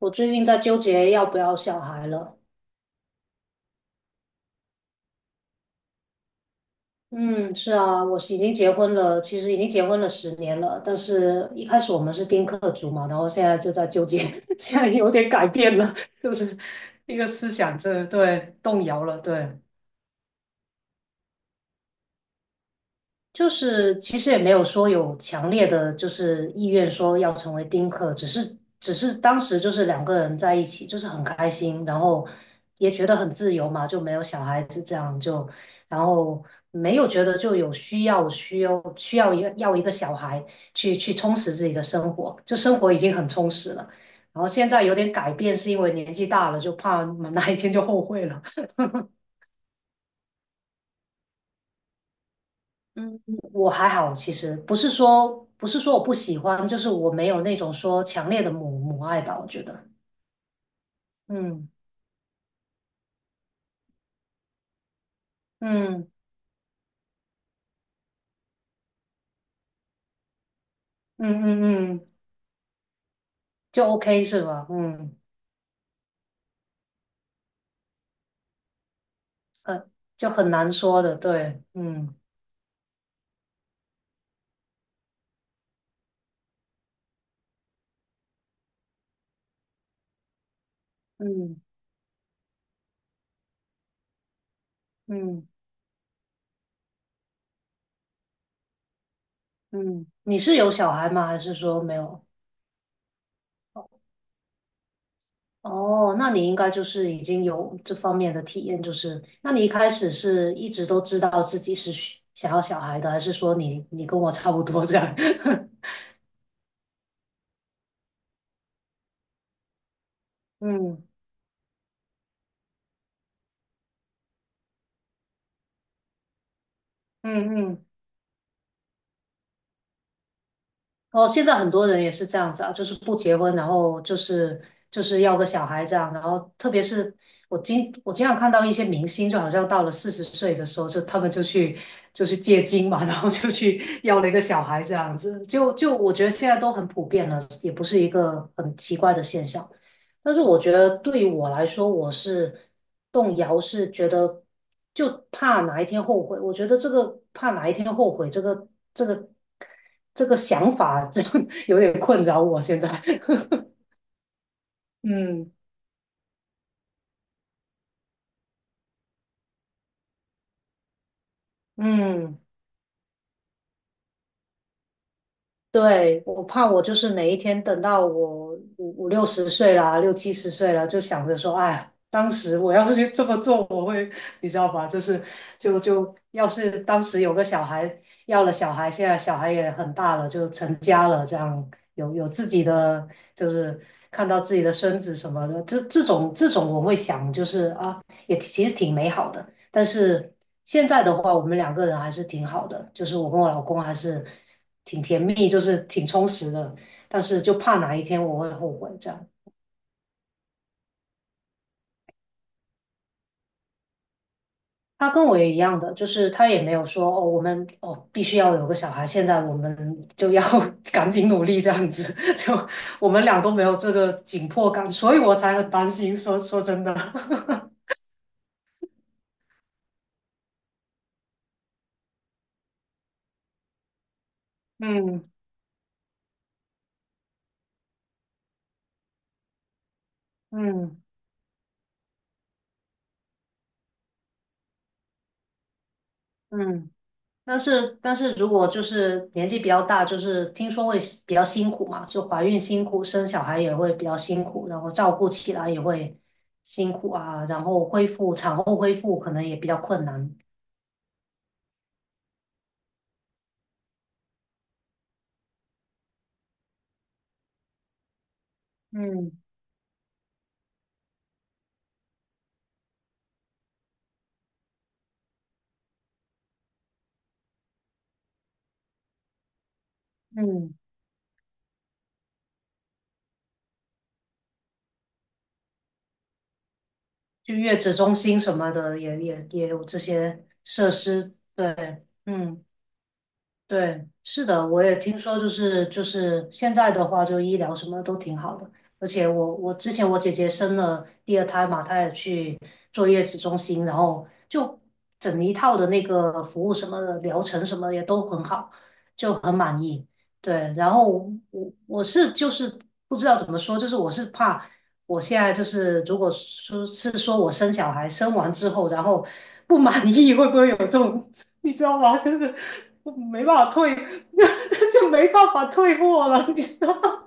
我最近在纠结要不要小孩了。嗯，是啊，我是已经结婚了，其实已经结婚了10年了，但是一开始我们是丁克族嘛，然后现在就在纠结，现在有点改变了，就是一个思想这对动摇了，对，就是其实也没有说有强烈的就是意愿说要成为丁克，只是当时就是两个人在一起，就是很开心，然后也觉得很自由嘛，就没有小孩子这样就，然后没有觉得就有需要一个小孩去充实自己的生活，就生活已经很充实了，然后现在有点改变是因为年纪大了，就怕哪一天就后悔了。嗯，我还好，其实不是说我不喜欢，就是我没有那种说强烈的母爱吧，我觉得，嗯嗯嗯嗯嗯，就 OK 是吧？嗯，就很难说的，对，嗯嗯嗯嗯，你是有小孩吗？还是说没有？哦，那你应该就是已经有这方面的体验，就是那你一开始是一直都知道自己是需想要小孩的，还是说你你跟我差不多这样？嗯嗯嗯哦，现在很多人也是这样子啊，就是不结婚，然后就是要个小孩这样，然后特别是我经常看到一些明星，就好像到了40岁的时候，就他们就去借精嘛，然后就去要了一个小孩这样子，就我觉得现在都很普遍了，也不是一个很奇怪的现象。但是我觉得对于我来说，我是动摇，是觉得就怕哪一天后悔。我觉得这个怕哪一天后悔，这个这个想法，这有点困扰我现在。嗯嗯。对，我怕我就是哪一天等到我五六十岁啦，六七十岁了，就想着说，哎，当时我要是这么做，我会，你知道吧？就是就要是当时有个小孩，要了小孩，现在小孩也很大了，就成家了，这样有自己的，就是看到自己的孙子什么的，这种我会想，就是啊，也其实挺美好的。但是现在的话，我们两个人还是挺好的，就是我跟我老公还是。挺甜蜜，就是挺充实的，但是就怕哪一天我会后悔这样。他跟我也一样的，就是他也没有说哦，我们哦必须要有个小孩，现在我们就要 赶紧努力这样子，就我们俩都没有这个紧迫感，所以我才很担心。说真的，嗯嗯嗯。但是如果就是年纪比较大，就是听说会比较辛苦嘛，就怀孕辛苦，生小孩也会比较辛苦，然后照顾起来也会辛苦啊，然后恢复产后恢复可能也比较困难。嗯嗯，就月子中心什么的也有这些设施，对，嗯。对，是的，我也听说，就是现在的话，就医疗什么都挺好的，而且我之前我姐姐生了第二胎嘛，她也去坐月子中心，然后就整一套的那个服务什么的疗程什么也都很好，就很满意。对，然后我是不知道怎么说，就是我是怕。我现在就是，如果说是说我生小孩，生完之后，然后不满意，会不会有这种，你知道吗？就是我没办法退，就没办法退货了，你知道吗？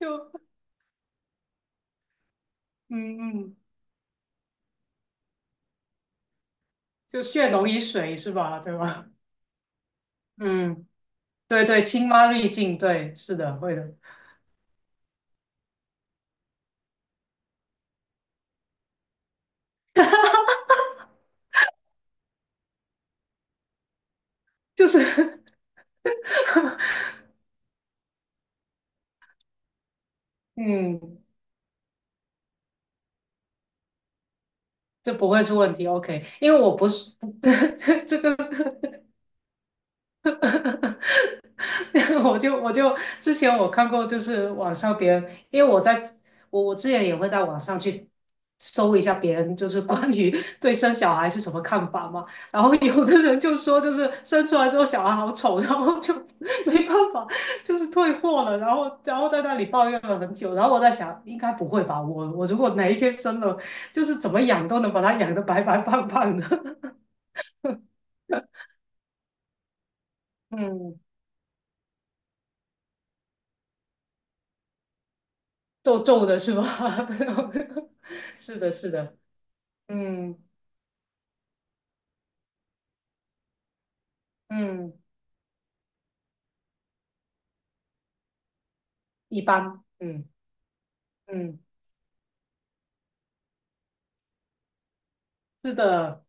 就嗯嗯，就血浓于水是吧？对吧？嗯，对对，亲妈滤镜，对，是的，会的，就是 嗯，这不会是问题，OK,因为我不是，这 我就之前我看过，就是网上别人，因为我在我之前也会在网上去搜一下别人，就是关于 对生小孩是什么看法嘛。然后有的人就说，就是生出来之后小孩好丑，然后就 没办法，就是退货了，然后在那里抱怨了很久。然后我在想，应该不会吧？我如果哪一天生了，就是怎么养都能把它养得白白胖胖的。嗯，皱皱的是吧？是的，是的，嗯嗯，一般，嗯嗯，是的，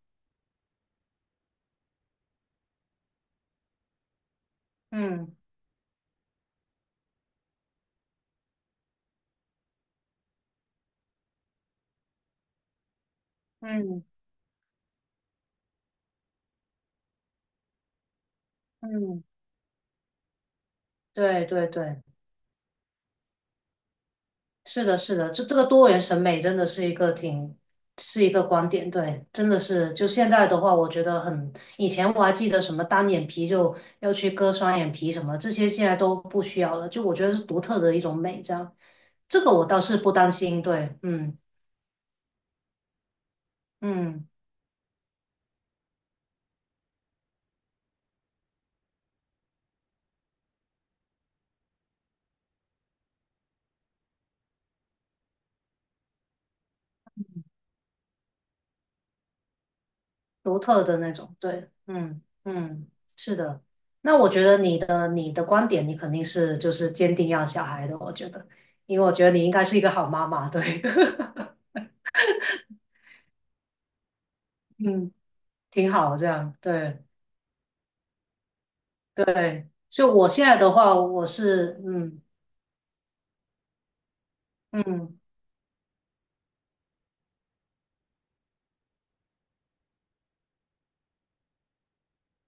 嗯嗯嗯，对对对，是的，是的，这个多元审美真的是一个挺是一个观点，对，真的是就现在的话，我觉得很，以前我还记得什么单眼皮就要去割双眼皮什么，这些现在都不需要了，就我觉得是独特的一种美，这样，这个我倒是不担心，对，嗯嗯。独特的那种，对，嗯嗯，是的。那我觉得你的观点，你肯定是就是坚定要小孩的，我觉得，因为我觉得你应该是一个好妈妈，对，嗯，挺好这样，对对。就我现在的话，我是嗯嗯，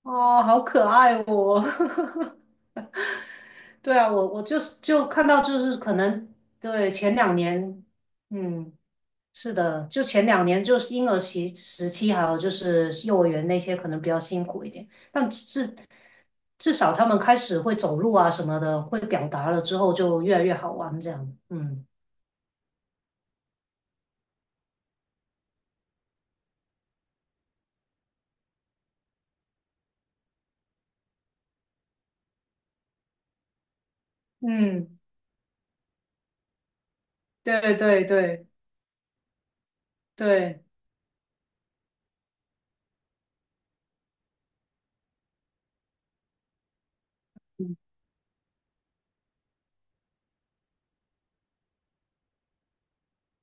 哦，好可爱哦，对啊，我就是就看到就是可能对前两年，嗯。是的，就前两年就是婴儿期时期，还有就是幼儿园那些可能比较辛苦一点，但至少他们开始会走路啊什么的，会表达了之后就越来越好玩这样。嗯嗯，对对对对，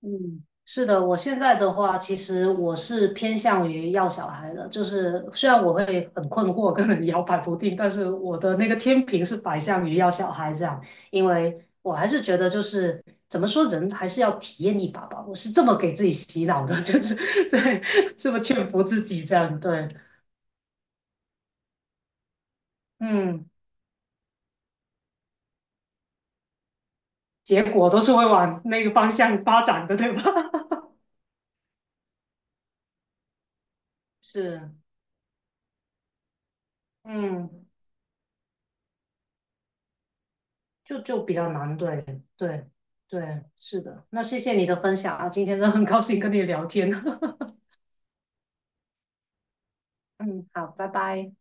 嗯，是的，我现在的话，其实我是偏向于要小孩的，就是虽然我会很困惑跟很摇摆不定，但是我的那个天平是摆向于要小孩这样，因为我还是觉得就是怎么说，人还是要体验一把吧，我是这么给自己洗脑的，就是 对，这么劝服自己这样，对，嗯，结果都是会往那个方向发展的，对吧？是，嗯。就比较难，对对对，是的。那谢谢你的分享啊，今天真的很高兴跟你聊天。嗯，好，拜拜。